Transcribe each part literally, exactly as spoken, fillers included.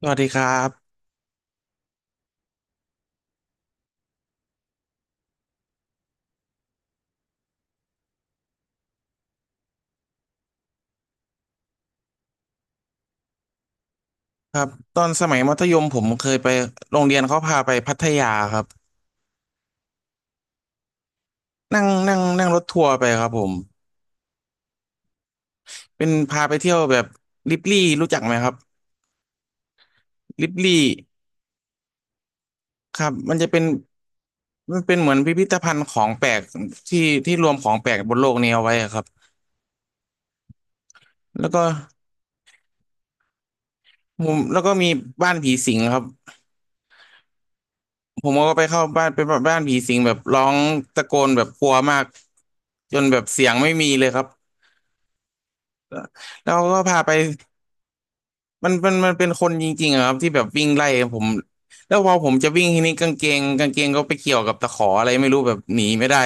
สวัสดีครับครับตอนสมัยมัธยมผมเคยไปโรงเรียนเขาพาไปพัทยาครับนั่งนั่งนั่งรถทัวร์ไปครับผมเป็นพาไปเที่ยวแบบลิบลี่รู้จักไหมครับลิบลี่ครับมันจะเป็นมันเป็นเหมือนพิพิธภัณฑ์ของแปลกที่ที่รวมของแปลกบนโลกนี้เอาไว้อะครับแล้วก็มุมแล้วก็มีบ้านผีสิงครับผมก็ไปเข้าบ้านเป็นบ้านผีสิงแบบร้องตะโกนแบบกลัวมากจนแบบเสียงไม่มีเลยครับแล้วก็พาไป มันเป็นมันเป็นคนจริงๆอะครับที่แบบวิ่งไล่ผมแล้วพอผมจะวิ่งทีนี้กางเกงกางเกงก็ไปเกี่ยวกับตะขออะไรไม่รู้แบบหนีไม่ได้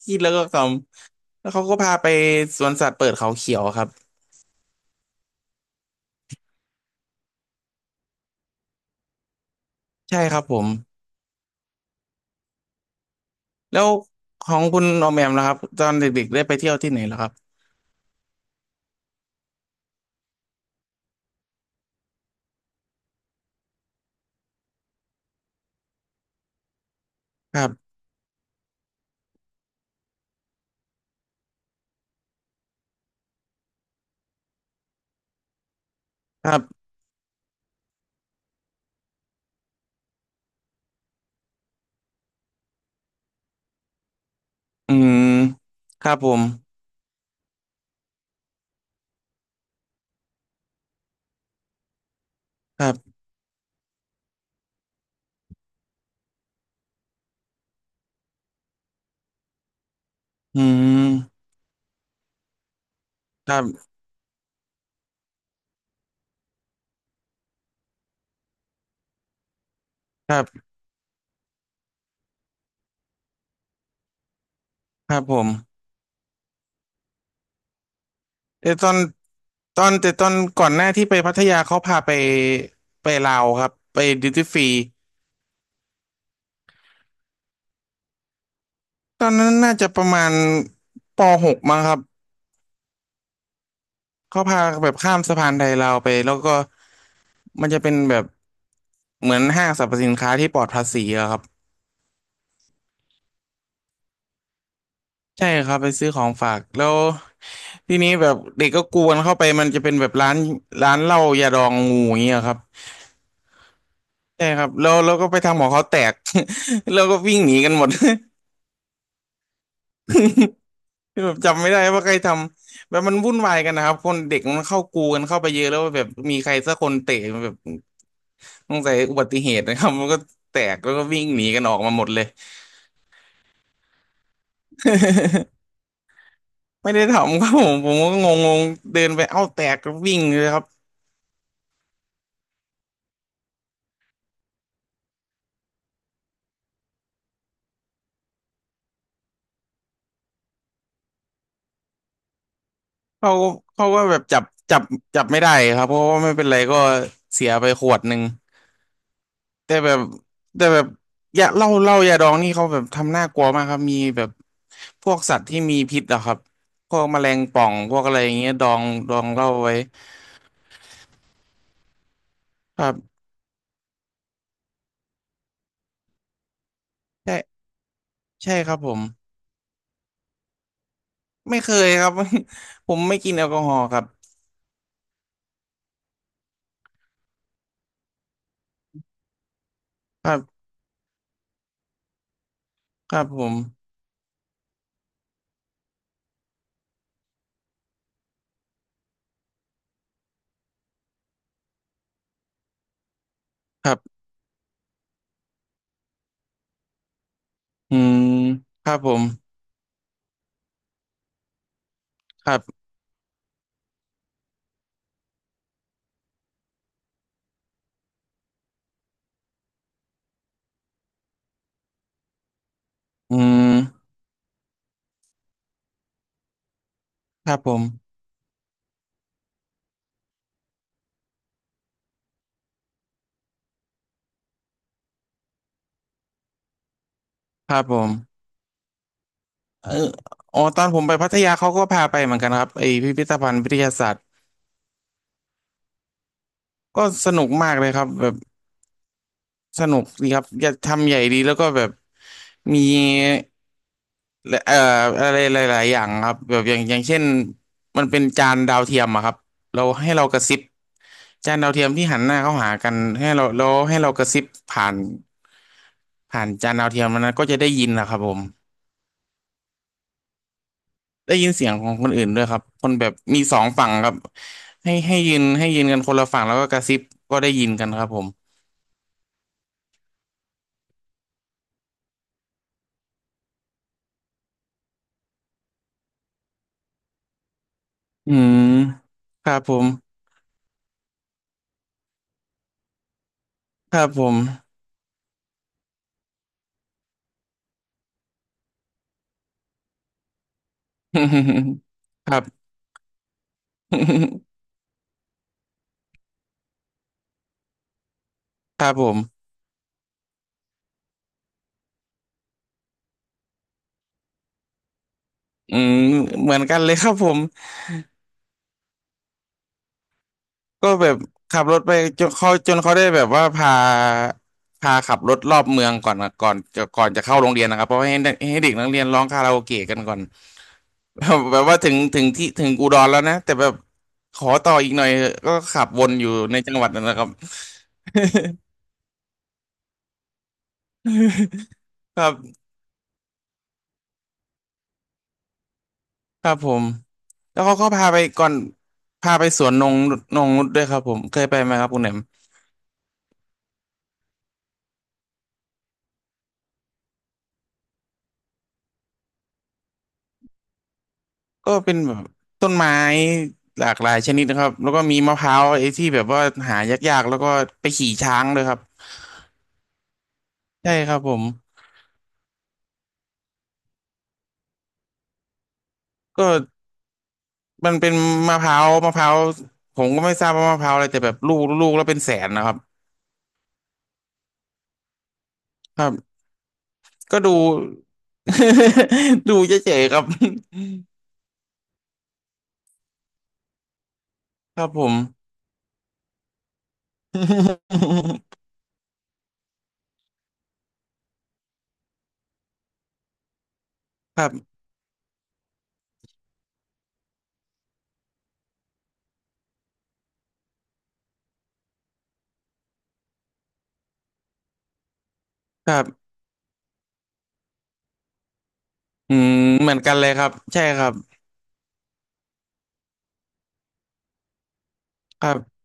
คิดแล้วก็ขำแล้วเขาก็พาไปสวนสัตว์เปิดเขาเขียวครับใช่ครับผมแล้วของคุณออมแอมนะครับตอนเด็กๆได้ไปเที่ยวที่ไหนแล้วครับครับครับอืมครับผมครับอืมครับครับครับผมแต่ตอน ตอนแต่ตอนก่อนหน้าที่ไปพัทยาเขาพาไปไปลาวครับไปดิวตี้ฟรีตอนนั้นน่าจะประมาณป .หก มั้งครับเขาพาแบบข้ามสะพานไทยลาวไปแล้วก็มันจะเป็นแบบเหมือนห้างสรรพสินค้าที่ปลอดภาษีอะครับใช่ครับไปซื้อของฝากแล้วทีนี้แบบเด็กก็กวนเข้าไปมันจะเป็นแบบร้านร้านเหล้ายาดองงูอย่างเงี้ยครับใช่ครับแล้วแล้วก็ไปทำของเขาแตก แล้วก็วิ่งหนีกันหมด คือแบบจำไม่ได้ว่าใครทำแบบมันวุ่นวายกันนะครับคนเด็กมันเข้ากูกันเข้าไปเยอะแล้วแบบมีใครสักคนเตะแบบสงสัยอุบัติเหตุนะครับมันก็แตกแล้วก็วิ่งหนีกันออกมาหมดเลย ไม่ได้ทำครับผมผมก็งงๆเดินไปเอ้าแตกก็วิ่งเลยครับเขาเขาก็แบบจับจับจับไม่ได้ครับเพราะว่าไม่เป็นไรก็เสียไปขวดหนึ่ง แต่แบบแต่แบบยาเหล้าเหล้ายาดองนี่เขาแบบทำน่ากลัวมากครับมีแบบพวกสัตว์ที่มีพิษอะครับพวกแมลงป่องพวกอะไรอย่างเงี้ยดองดองเหล้าไว้ครับใช่ใช่ครับผมไม่เคยครับ ผมไม่กินแอลกอฮอล์ครับครับครับผมครับอืมครับผมครับอืมครับผมครับผมเอออ๋อตอนผมไปพัทยาเขาก็พาไปเหมือนกันครับไอพิพิธภัณฑ์วิทยาศาสตร์ก็สนุกมากเลยครับแบบ สนุกดีครับอยากทำใหญ่ดีแล้วก็แบบมีเอ่ออะไรหลายๆอย่างครับแบบอย่างอย่างเช่นมันเป็นจานดาวเทียมอะครับเราให้เรากระซิบจานดาวเทียมที่หันหน้าเข้าหากันให้เราแล้วให้เรากระซิบผ่านผ่านจานดาวเทียมมันนะก็จะได้ยินนะครับผมได้ยินเสียงของคนอื่นด้วยครับคนแบบมีสองฝั่งครับให้ให้ยืนให้ยืนกันคนละฝั่งแล้วก็กระซิบก็ได้ยินกันครับผมอืมครับผมครับผม ครับ ครับผมอืมเหมือนกันเลยครับผมก็แบบขับรถไปจนเขาจนเขาได้แบบว่าพาพาขับรถรอบเมืองก่อนนะก่อนจะก่อนจะเข้าโรงเรียนนะครับเพราะว่าให้เด็กให้เด็กนักเรียนร้องคาราโอเกะกันก่อน แบบแบบว่าถึงถึงที่ถึงอุดรแล้วนะแต่แบบขอต่ออีกหน่อยเถอะก็ขับวนอยู่ในจังหวัดนั่นแหละครับ ครับครับผมแล้วเขาก็พาไปก่อนพาไปสวนนงนงนุชด้วยครับผมเคยไปไหมครับคุณแหนม ก็เป็นแบบต้นไม้หลากหลายชนิดนะครับแล้วก็มีมะพร้าวไอ้ที่แบบว่าหายากๆแล้วก็ไปขี่ช้างเลยครับใช่ครับผมก็มันเป็นมะพร้าวมะพร้าวผมก็ไม่ทราบว่ามะพร้าวอะไรแต่แบบลูกลูกแล้วเป็นแสนนะครับครับก็ดู ดูเฉยๆครับครับผมครับครับอืมเหมือนกันเลยครับใช่ครับครับ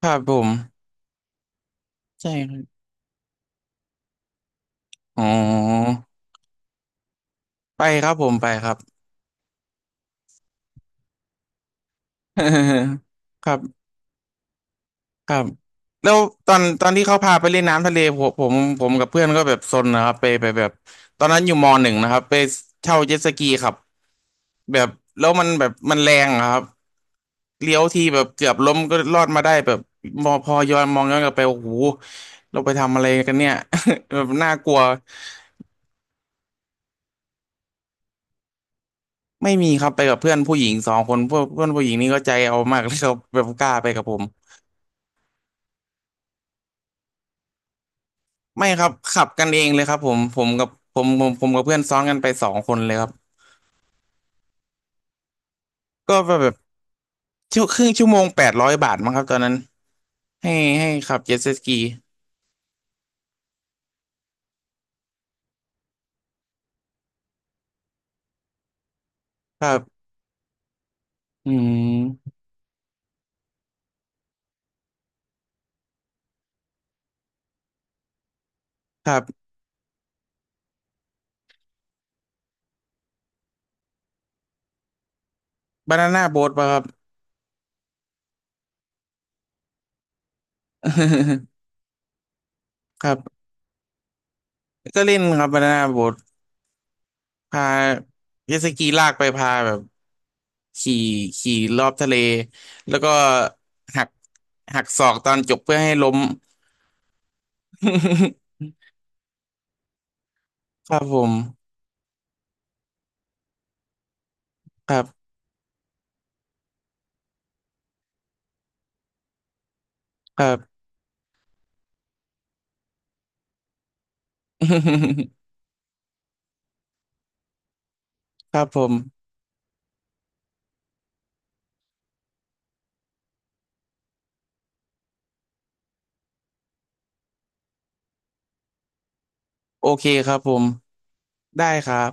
ครับผมใช่ครับอ๋อไปครับผมไปครับ ครับ ครับแล้วตอนตอนที่เขาพาไปเล่นน้ำทะเลผมผมผมกับเพื่อนก็แบบซนนะครับไปไปแบบตอนนั้นอยู่มหนึ่งนะครับไปเช่าเจ็ตสกีครับแบบแล้วมันแบบมันแรงอะครับเลี้ยวทีแบบเกือบล้มก็รอดมาได้แบบมอพอย้อนมองย้อนกลับไปโอ้โหเราไปทำอะไรกันเนี่ย แบบน่ากลัวไม่มีครับไปกับเพื่อนผู้หญิงสองคนเพื่อนเพื่อนผู้หญิงนี่ก็ใจเอามากเลยครับแบบกล้าไปกับผมไม่ครับขับกันเองเลยครับผมผมกับผมผมผมกับเพื่อนซ้อนกันไปสองคนเลยครับก็แบบ ชั่วครึ่งชั่วโมงแปดร้อยบาทมั้งครับตอนนั้นให้ให้ขับเจ็ตสกีครับอืมครับบานาน่าโบ๊ทป่ะครับ ครับก็เล่นครับบานาน่าโบ๊ทพาเจ็ตสกีลากไปพาแบบขี่ขี่รอบทะเลแล้วก็หักหักศอกตอนจบเพื่อให้ล้ม ครับผมครับครับ ครับผมโอเคครับผมได้ครับ